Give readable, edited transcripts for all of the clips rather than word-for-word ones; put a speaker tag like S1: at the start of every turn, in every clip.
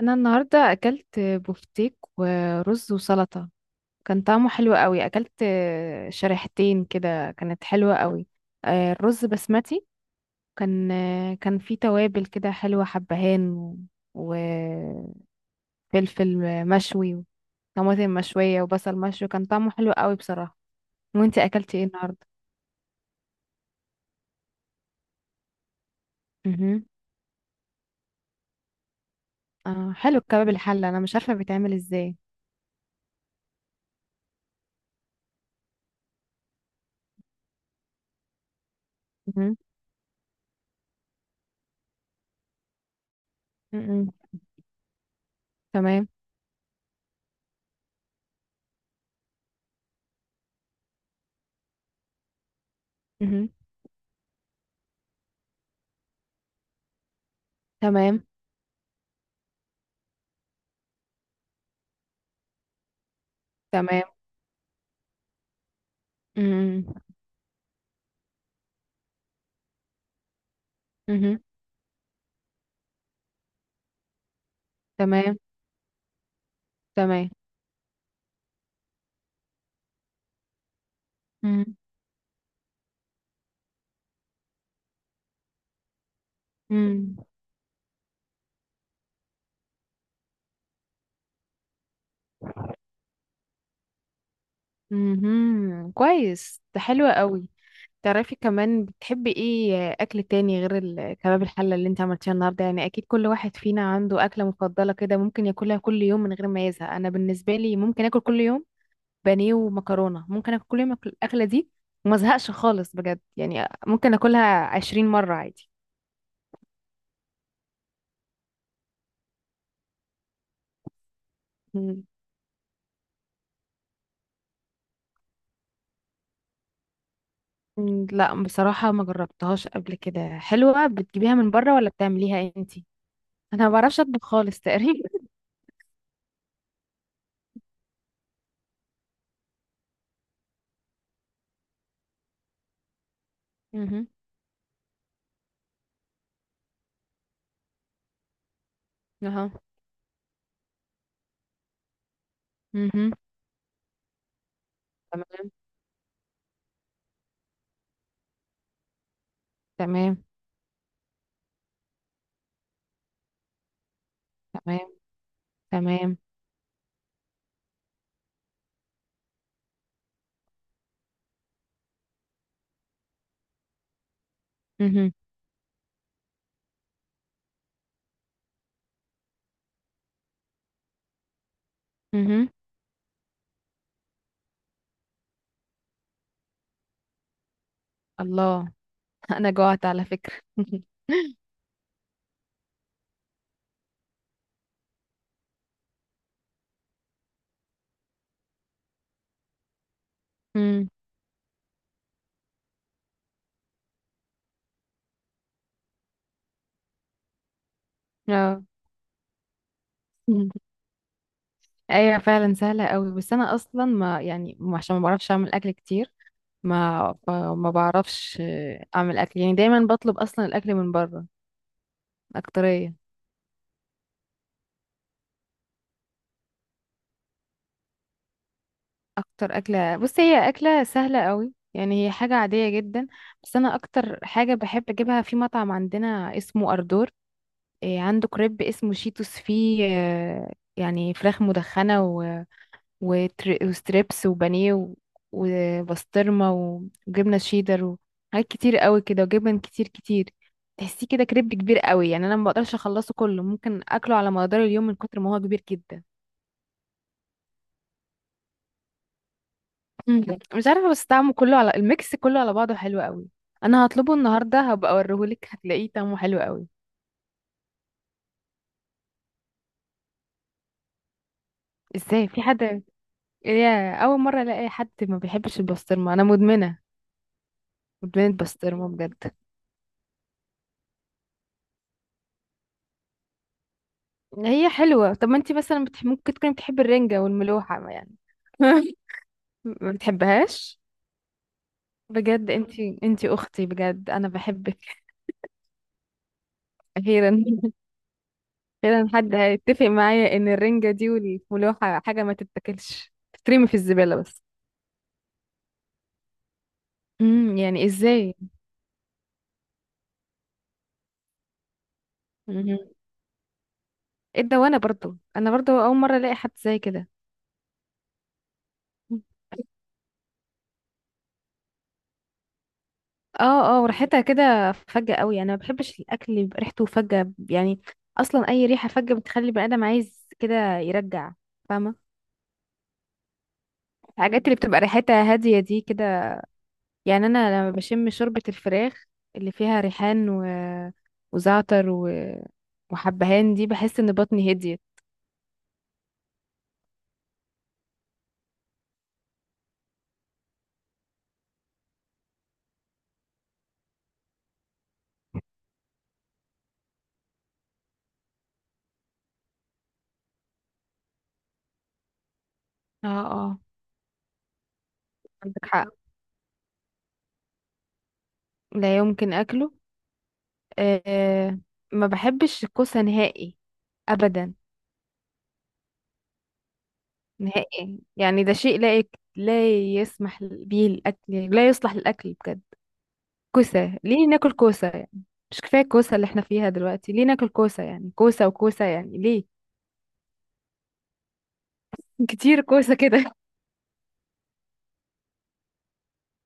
S1: انا النهارده اكلت بفتيك ورز وسلطه. كان طعمه حلو قوي، اكلت شريحتين كده، كانت حلوه قوي. الرز بسمتي، كان كان فيه توابل كده حلوه، حبهان وفلفل مشوي وطماطم مشويه وبصل مشوي، كان طعمه حلو قوي بصراحه. وانتي اكلتي ايه النهارده؟ امم. اه، حلو الكباب الحله، انا مش عارفه بيتعمل ازاي. مهم. مم. تمام. مهم. تمام. تمام. مم. مهم. تمام. تمام. امم، امم، امم، كويس، ده حلو قوي. تعرفي كمان بتحبي ايه اكل تاني غير الكباب الحله اللي انت عملتيها النهارده؟ يعني اكيد كل واحد فينا عنده اكله مفضله كده، ممكن ياكلها كل يوم من غير ما يزهق. انا بالنسبه لي ممكن اكل كل يوم بانيه ومكرونه، ممكن اكل كل يوم، الاكله دي، وما ازهقش خالص بجد، يعني ممكن اكلها 20 مره عادي. مم. مم، لا بصراحه ما جربتهاش قبل كده، حلوه؟ بتجيبيها من بره ولا بتعمليها انتي؟ انا ما بعرفش اطبخ خالص تقريبا. مهم. اهو. مهم. تمام. تمام. تمام. تمام. مهم. مهم. الله. انا جوعت على فكرة. مم. اه. مم. ايوه فعلا سهلة قوي، بس انا اصلا ما يعني عشان ما بعرفش اعمل اكل كتير، ما بعرفش، اعمل اكل يعني، دايما بطلب اصلا الاكل من بره اكترية. اكتر اكلة، بصي، هي اكلة سهلة قوي يعني، هي حاجة عادية جدا، بس انا اكتر حاجة بحب اجيبها في مطعم عندنا اسمه اردور. إيه، عنده كريب اسمه شيتوس فيه، يعني فراخ مدخنة وستريبس وبانيه وبسطرمة وجبنة شيدر وحاجات كتير قوي كده، وجبن كتير كتير. تحسيه كده كريب كبير قوي يعني، انا ما بقدرش اخلصه كله، ممكن اكله على مدار اليوم من كتر ما هو كبير جدا. مم. مش عارفة، بس طعمه كله على الميكس، كله على بعضه حلو قوي. انا هطلبه النهارده، هبقى اوريهولك، هتلاقيه طعمه حلو قوي. ازاي في حد، يا اول مرة الاقي حد ما بيحبش البسطرمة، انا مدمنة بنت بسطرمة بجد. هي حلوة، طب ما انتي مثلا ممكن تكوني بتحبي الرنجة والملوحة، ما يعني. ما بتحبهاش. بجد، انتي اختي بجد، انا بحبك. اخيرا. اخيرا حد هيتفق معايا ان الرنجة دي والملوحة حاجة ما تتاكلش، تترمي في الزبالة بس. امم، يعني ازاي؟ مهم. ايه ده، وانا برضو، انا برضو اول مرة الاقي حد زي كده. اه اه، وريحتها كده فجة قوي، انا ما بحبش الاكل اللي بيبقى ريحته فجة يعني. اصلا اي ريحة فجة بتخلي البني ادم عايز كده يرجع، فاهمة؟ الحاجات اللي بتبقى ريحتها هادية دي كده، يعني انا لما بشم شوربة الفراخ اللي فيها ريحان وزعتر وحبهان دي، بحس ان بطني هديت. اه اه. عندك حق، لا يمكن اكله. أه، ما بحبش الكوسة نهائي ابدا. نهائي يعني، ده شيء لا يسمح به الأكل، يعني لا يصلح للأكل بجد. كوسة، ليه ناكل كوسة يعني؟ مش كفاية الكوسة اللي احنا فيها دلوقتي، ليه ناكل كوسة يعني؟ كوسة وكوسة، يعني ليه؟ كتير كوسة كده.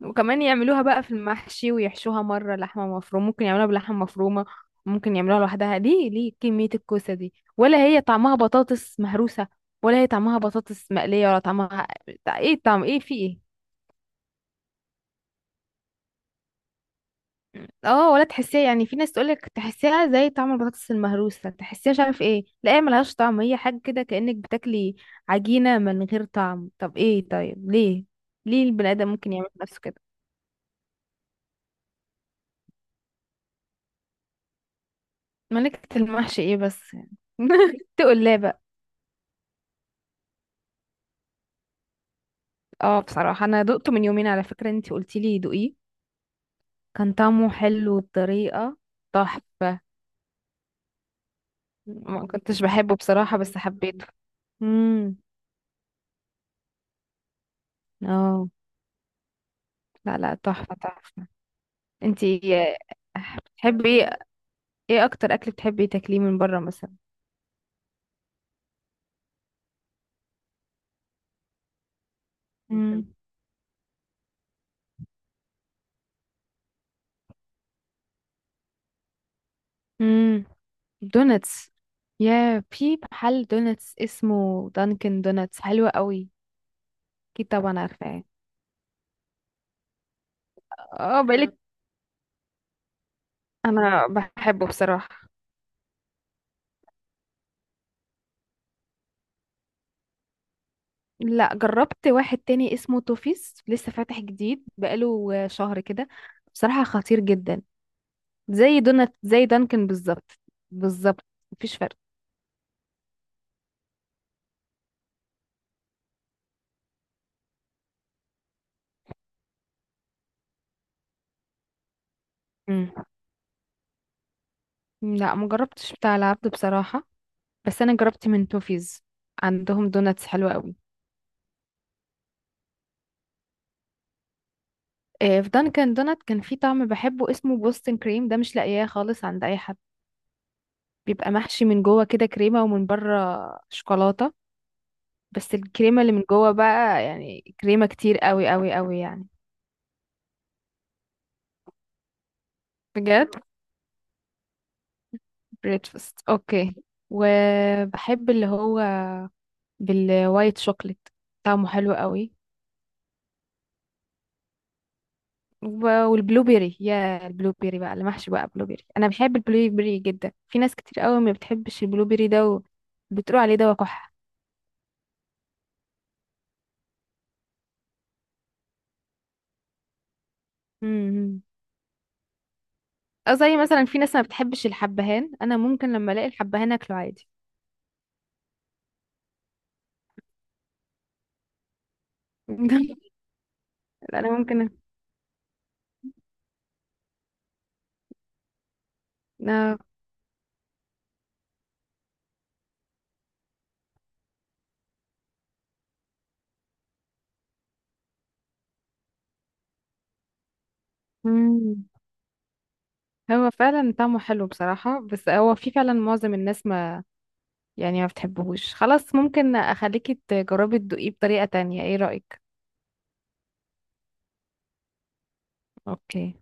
S1: وكمان يعملوها بقى في المحشي، ويحشوها مرة لحمة مفرومة، ممكن يعملوها بلحمة مفرومة، ممكن يعملوها لوحدها، ليه؟ ليه كمية الكوسة دي؟ ولا هي طعمها بطاطس مهروسة، ولا هي طعمها بطاطس مقلية، ولا طعمها ايه؟ طعم ايه؟ في ايه؟ اه، ولا تحسيها يعني، في ناس تقولك تحسيها زي طعم البطاطس المهروسة، تحسيها مش عارف ايه، لا هي ملهاش طعم، هي حاجة كده كأنك بتاكلي عجينة من غير طعم. طب ايه؟ طيب ليه؟ ليه البني آدم ممكن يعمل في نفسه كده؟ ملكة المحشي ايه بس يعني؟ تقول لا بقى. اه، بصراحة انا دقته من يومين على فكرة، انتي قلتيلي دوقيه، كان طعمه حلو بطريقة تحفة. ما كنتش بحبه بصراحة، بس حبيته. امم. اه، لا لا، تحفة تحفة. انتي بتحبي ايه؟ ايه اكتر اكل بتحبي تاكليه من بره مثلا؟ امم. امم. دوناتس. يا، في محل دوناتس اسمه دانكن دوناتس حلو قوي. اكيد طبعا عارفاه. اه، بقالك، انا بحبه بصراحة. لا، جربت واحد تاني اسمه توفيس، لسه فاتح جديد بقاله شهر كده، بصراحة خطير جدا، زي دونات زي دانكن بالظبط، بالظبط، مفيش فرق. امم. لا، مجربتش بتاع العبد بصراحة، بس انا جربت من توفيز، عندهم دوناتس حلوة قوي. في دانكن دونات كان في طعم بحبه اسمه بوستن كريم، ده مش لاقياه خالص عند اي حد. بيبقى محشي من جوه كده كريمه، ومن بره شوكولاته، بس الكريمه اللي من جوه بقى، يعني كريمه كتير قوي قوي قوي يعني. بجد. بريتفاست، اوكي. وبحب اللي هو بالوايت شوكليت، طعمه حلو قوي. والبلو بيري، يا البلو بيري بقى، اللي محشي بقى بلو بيري، انا بحب البلو بيري جدا، في ناس كتير قوي ما بتحبش البلو بيري ده، وبتقول عليه ده وقح. أو زي مثلا في ناس ما بتحبش الحبهان، أنا ممكن لما ألاقي الحبهان أكله عادي. أنا ممكن. آه. مم. هو فعلا طعمه حلو بصراحة، بس هو في فعلا معظم الناس ما يعني ما بتحبهوش خلاص، ممكن أخليكي تجربي تدوقيه بطريقة تانية، إيه رأيك؟ أوكي.